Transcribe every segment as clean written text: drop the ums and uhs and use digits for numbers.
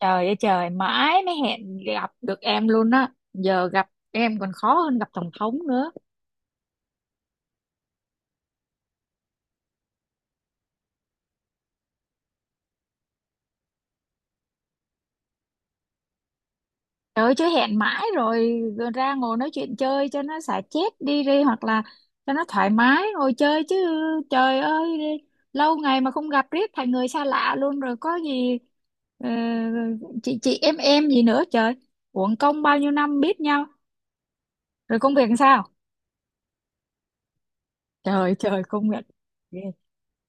Trời ơi trời, mãi mới hẹn gặp được em luôn á. Giờ gặp em còn khó hơn gặp tổng thống nữa. Trời ơi, chứ hẹn mãi rồi, rồi ra ngồi nói chuyện chơi cho nó xả chết đi đi, hoặc là cho nó thoải mái ngồi chơi chứ. Trời ơi, lâu ngày mà không gặp riết thành người xa lạ luôn rồi, có gì ờ, chị em gì nữa trời. Uổng công bao nhiêu năm biết nhau. Rồi công việc làm sao? Trời trời công việc.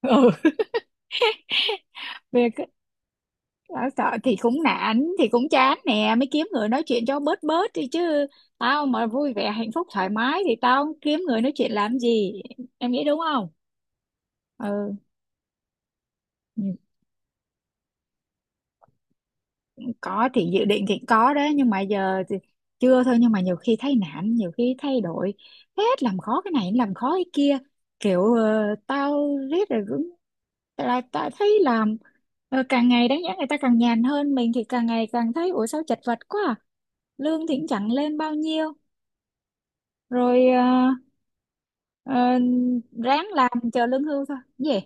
Ừ. Việc tao sợ thì cũng nản, thì cũng chán nè, mới kiếm người nói chuyện cho bớt bớt đi chứ. Tao mà vui vẻ hạnh phúc thoải mái thì tao kiếm người nói chuyện làm gì, em nghĩ đúng không? Ừ, ừ. Có thì dự định thì có đấy, nhưng mà giờ thì chưa thôi. Nhưng mà nhiều khi thấy nản, nhiều khi thay đổi hết, làm khó cái này làm khó cái kia, kiểu tao riết rồi cũng là tao thấy làm, càng ngày đáng nhẽ người ta càng nhàn hơn, mình thì càng ngày càng thấy ủa sao chật vật quá à? Lương thì cũng chẳng lên bao nhiêu, rồi ờ, ráng làm chờ lương hưu thôi gì.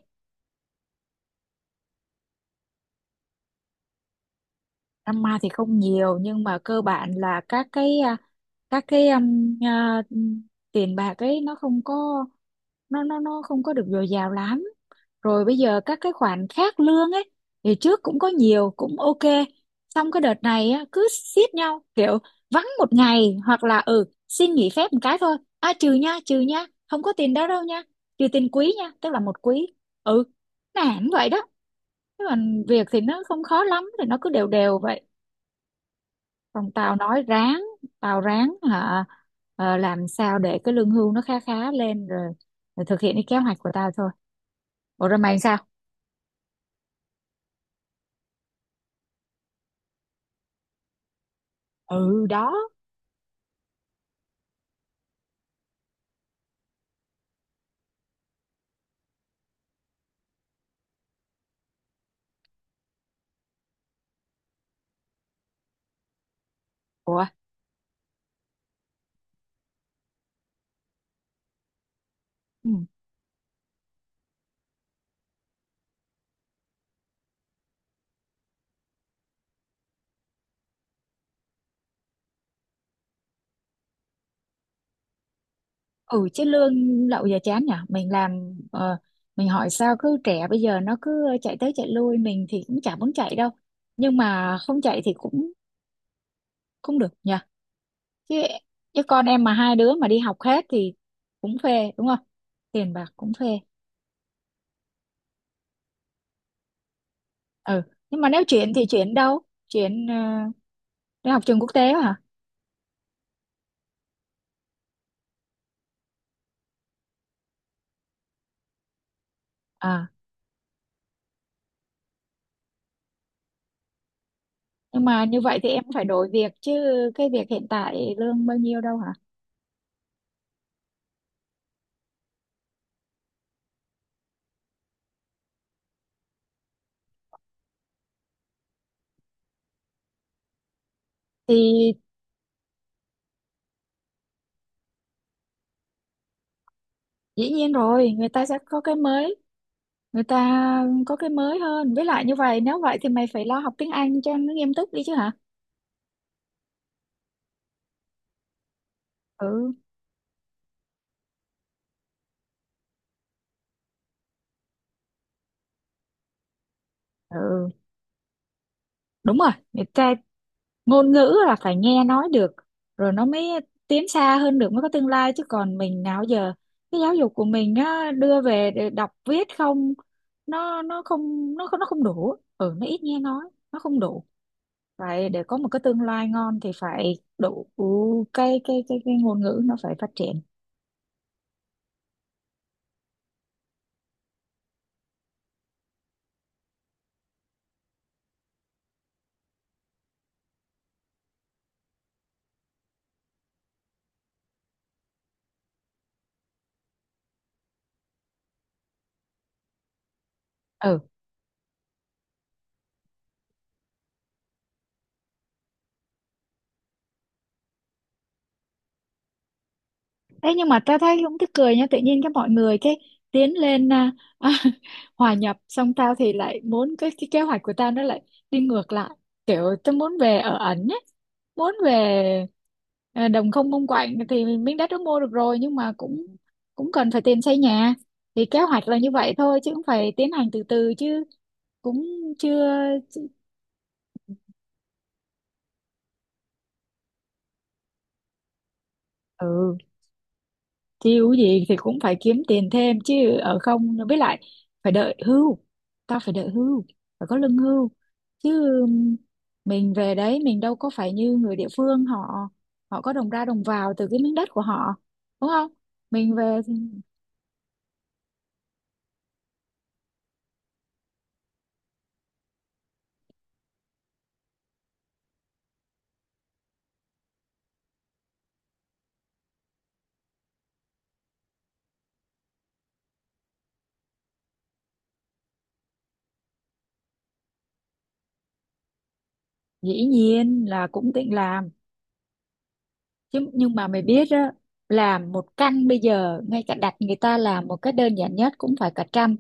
Drama thì không nhiều, nhưng mà cơ bản là các cái tiền bạc ấy nó không có, nó không có được dồi dào lắm. Rồi bây giờ các cái khoản khác lương ấy, thì trước cũng có nhiều cũng ok, xong cái đợt này á, cứ xiết nhau kiểu vắng một ngày hoặc là xin nghỉ phép một cái thôi à, trừ nha, trừ nha, không có tiền đó đâu nha. Trừ tiền quý nha, tức là một quý. Ừ, nản vậy đó. Thế còn việc thì nó không khó lắm, thì nó cứ đều đều vậy, còn tao nói ráng, tao ráng hả, làm sao để cái lương hưu nó khá khá lên rồi, rồi thực hiện cái kế hoạch của tao thôi. Ủa rồi mày sao? Ừ đó. Ủa? Ừ, ừ chứ lương lậu giờ chán nhở. Mình hỏi sao cứ trẻ bây giờ nó cứ chạy tới chạy lui, mình thì cũng chả muốn chạy đâu. Nhưng mà không chạy thì cũng không được nhở. Chứ chứ con em mà hai đứa mà đi học hết thì cũng phê đúng không? Tiền bạc cũng phê. Ừ, nhưng mà nếu chuyển thì chuyển đâu? Chuyển ờ, Để học trường quốc tế hả? À, nhưng mà như vậy thì em cũng phải đổi việc chứ, cái việc hiện tại lương bao nhiêu đâu hả? Thì dĩ nhiên rồi, người ta sẽ có cái mới, người ta có cái mới hơn. Với lại như vậy, nếu vậy thì mày phải lo học tiếng Anh cho nó nghiêm túc đi chứ hả? Ừ, ừ, đúng rồi. Người ta ngôn ngữ là phải nghe nói được rồi nó mới tiến xa hơn được, mới có tương lai. Chứ còn mình nào giờ cái giáo dục của mình á, đưa về để đọc viết không, nó không đủ. Ừ, nó ít nghe nói, nó không đủ. Phải để có một cái tương lai ngon thì phải đủ cái ngôn ngữ, nó phải phát triển. Ừ. Thế nhưng mà ta thấy cũng tức cười nha, tự nhiên cái mọi người cái tiến lên hòa nhập, xong tao thì lại muốn cái kế hoạch của tao nó lại đi ngược lại. Kiểu tao muốn về ở ẩn ấy, muốn về đồng không mông quạnh. Thì miếng đất đó mua được rồi nhưng mà cũng cũng cần phải tiền xây nhà. Thì kế hoạch là như vậy thôi, chứ cũng phải tiến hành từ từ chứ, cũng chưa. Ừ, chiêu gì thì cũng phải kiếm tiền thêm chứ, ở không với lại phải đợi hưu. Tao phải đợi hưu, phải có lương hưu chứ. Mình về đấy mình đâu có phải như người địa phương, họ họ có đồng ra đồng vào từ cái miếng đất của họ, đúng không? Mình về thì dĩ nhiên là cũng định làm chứ, nhưng mà mày biết á, làm một căn bây giờ ngay cả đặt người ta làm một cái đơn giản nhất cũng phải cả trăm.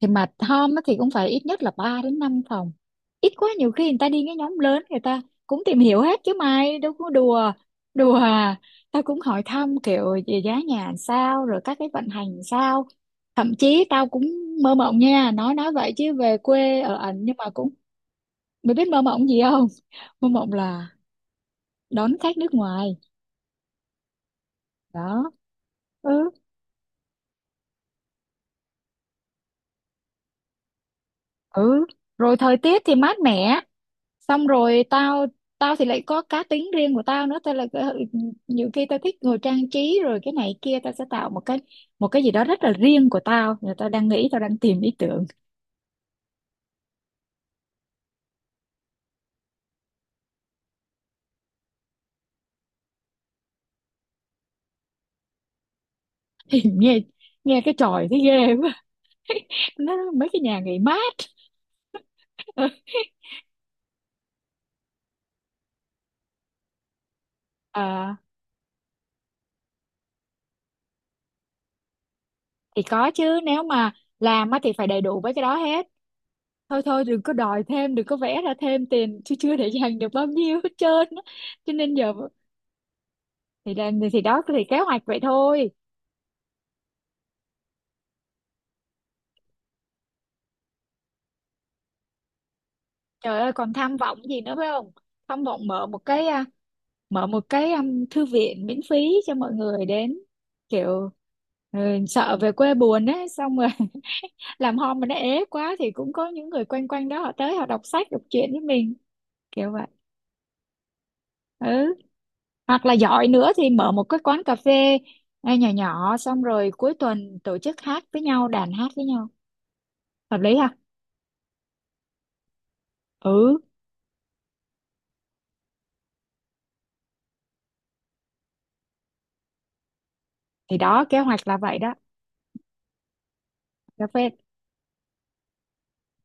Thì mà Tom á thì cũng phải ít nhất là 3 đến 5 phòng, ít quá nhiều khi người ta đi cái nhóm lớn người ta cũng tìm hiểu hết chứ, mày đâu có đùa đùa à. Tao cũng hỏi thăm kiểu về giá nhà sao, rồi các cái vận hành sao. Thậm chí tao cũng mơ mộng nha, nói vậy chứ về quê ở ảnh, nhưng mà cũng mày biết mơ mộng gì không? Mơ mộng là đón khách nước ngoài đó. Ừ, ừ, rồi thời tiết thì mát mẻ. Xong rồi tao tao thì lại có cá tính riêng của tao nữa, tao là cái- nhiều khi tao thích ngồi trang trí rồi cái này kia, tao sẽ tạo một cái gì đó rất là riêng của tao. Rồi tao đang nghĩ, tao đang tìm ý tưởng. Thì nghe nghe cái chòi thấy ghê quá. Nó mấy cái nhà nghỉ mát à, thì có chứ, nếu mà làm á thì phải đầy đủ với cái đó hết. Thôi thôi đừng có đòi thêm, đừng có vẽ ra thêm tiền chứ, chưa để dành được bao nhiêu hết trơn á. Cho nên giờ thì là thì đó, thì kế hoạch vậy thôi. Trời ơi còn tham vọng gì nữa phải không? Tham vọng mở một cái thư viện miễn phí cho mọi người đến, kiểu ừ, sợ về quê buồn ấy, xong rồi làm home mà nó ế quá thì cũng có những người quanh quanh đó họ tới, họ đọc sách đọc truyện với mình kiểu vậy. Ừ, hoặc là giỏi nữa thì mở một cái quán cà phê ngay nhỏ nhỏ, xong rồi cuối tuần tổ chức hát với nhau, đàn hát với nhau. Hợp lý ha. Ừ, thì đó kế hoạch là vậy đó. cà phê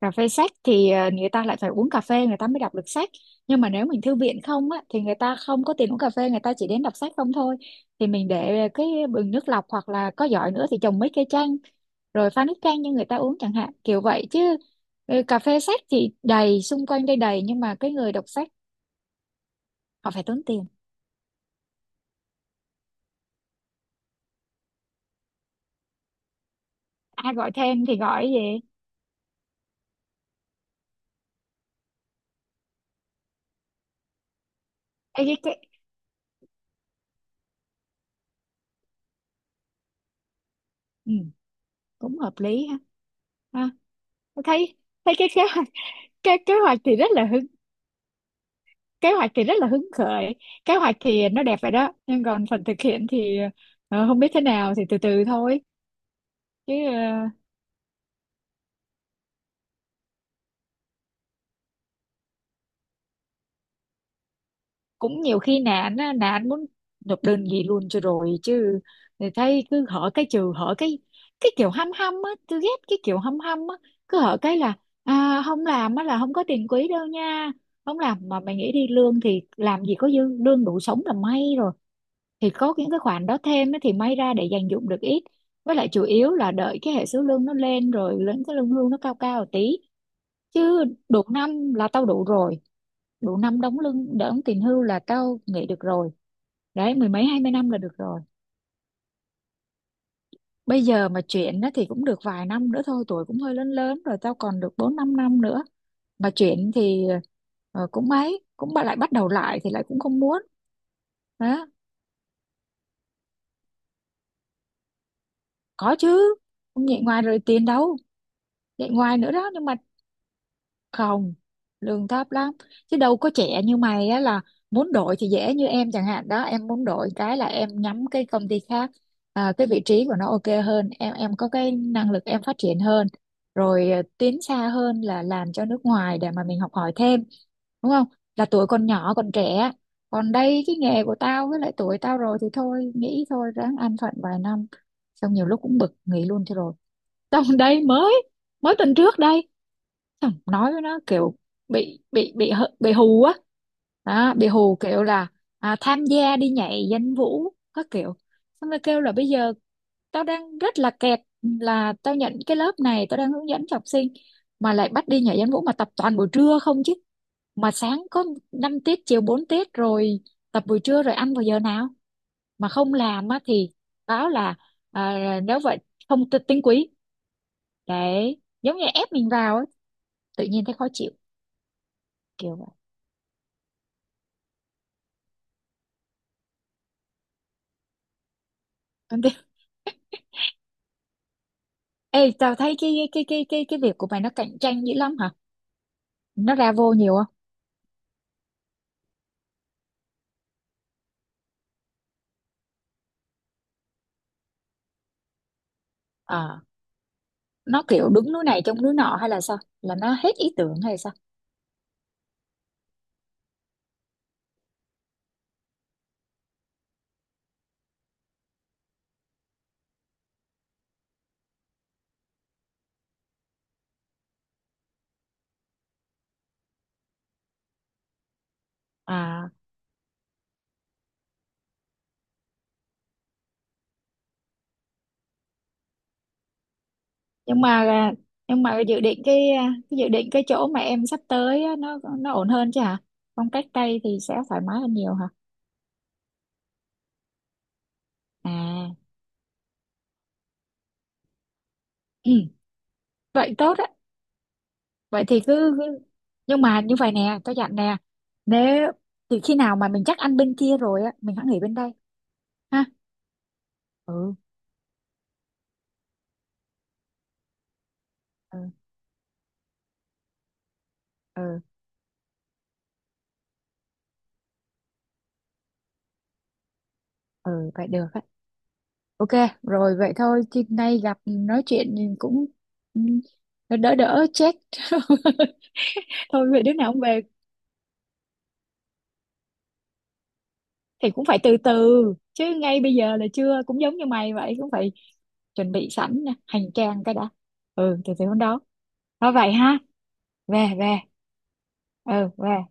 Cà phê sách thì người ta lại phải uống cà phê người ta mới đọc được sách. Nhưng mà nếu mình thư viện không á, thì người ta không có tiền uống cà phê, người ta chỉ đến đọc sách không thôi. Thì mình để cái bình nước lọc, hoặc là có giỏi nữa thì trồng mấy cây chanh rồi pha nước chanh cho người ta uống chẳng hạn, kiểu vậy chứ. Ừ, cà phê sách thì đầy xung quanh đây, đầy, nhưng mà cái người đọc sách họ phải tốn tiền. Ai gọi thêm thì gọi cái gì. Ê, cái... Ừ, cũng hợp lý ha. À, thấy Thấy cái kế hoạch, thì rất là hư. Kế hoạch thì rất là hứng khởi, kế hoạch thì nó đẹp vậy đó, nhưng còn phần thực hiện thì không biết thế nào, thì từ từ thôi chứ. Ờ, Cũng nhiều khi nạn muốn nộp đơn gì luôn cho rồi chứ. Thì thấy cứ hỏi cái trừ, hỏi cái kiểu hăm hăm á, tôi ghét cái kiểu hăm hăm á, cứ hỏi cái là không làm á là không có tiền quỹ đâu nha. Không làm mà mày nghĩ đi, lương thì làm gì có dư, lương đủ sống là may rồi. Thì có những cái khoản đó thêm á thì may ra để dành dụm được ít. Với lại chủ yếu là đợi cái hệ số lương nó lên rồi, lên cái lương hưu nó cao cao một tí, chứ được năm là tao đủ rồi. Đủ năm đóng lương, đóng tiền hưu là tao nghỉ được rồi. Đấy, mười mấy hai mươi năm là được rồi. Bây giờ mà chuyển á thì cũng được vài năm nữa thôi, tuổi cũng hơi lớn lớn rồi, tao còn được bốn năm năm nữa. Mà chuyển thì cũng mấy cũng bà lại bắt đầu lại thì lại cũng không muốn. Đó, có chứ, không dạy ngoài rồi tiền đâu. Dạy ngoài nữa đó, nhưng mà không, lương thấp lắm. Chứ đâu có trẻ như mày á, là muốn đổi thì dễ. Như em chẳng hạn đó, em muốn đổi cái là em nhắm cái công ty khác, cái vị trí của nó ok hơn, em có cái năng lực em phát triển hơn, rồi tiến xa hơn là làm cho nước ngoài để mà mình học hỏi thêm, đúng không? Là tuổi còn nhỏ còn trẻ. Còn đây cái nghề của tao với lại tuổi tao rồi thì thôi nghĩ thôi, ráng an phận vài năm. Xong nhiều lúc cũng bực nghỉ luôn cho rồi. Xong đây mới mới tuần trước đây. Xong nói với nó kiểu bị hù á. Đó, bị hù kiểu là tham gia đi nhảy danh vũ các kiểu, xong rồi kêu là bây giờ tao đang rất là kẹt, là tao nhận cái lớp này tao đang hướng dẫn cho học sinh mà lại bắt đi nhảy danh vũ, mà tập toàn buổi trưa không chứ. Mà sáng có 5 tiết, chiều 4 tiết rồi, tập buổi trưa rồi ăn vào giờ nào. Mà không làm á thì báo là nếu vậy không tinh quý. Đấy giống như ép mình vào á, tự nhiên thấy khó chịu, kiểu vậy. Ê, tao thấy cái việc của mày nó cạnh tranh dữ lắm hả? Nó ra vô nhiều không? Ờ, nó kiểu đứng núi này trông núi nọ hay là sao? Là nó hết ý tưởng hay sao? À, nhưng mà nhưng mà dự định cái dự định, cái chỗ mà em sắp tới á, nó ổn hơn chứ hả? Phong cách Tây thì sẽ thoải mái hơn nhiều hả? À, ừ, vậy tốt á. Vậy thì cứ, nhưng mà như vậy nè, tao dặn nè. Nếu từ khi nào mà mình chắc ăn bên kia rồi á, mình hãy nghỉ bên đây ha. Ừ. Ừ. Ừ. Ừ vậy được á. Ok, rồi vậy thôi chứ nay gặp nói chuyện thì cũng ừ, nó đỡ đỡ chết. Thôi vậy đứa nào cũng về thì cũng phải từ từ chứ, ngay bây giờ là chưa, cũng giống như mày vậy cũng phải chuẩn bị sẵn nè, hành trang cái đã. Ừ, từ từ hôm đó. Thôi vậy ha. Về về. Ừ về.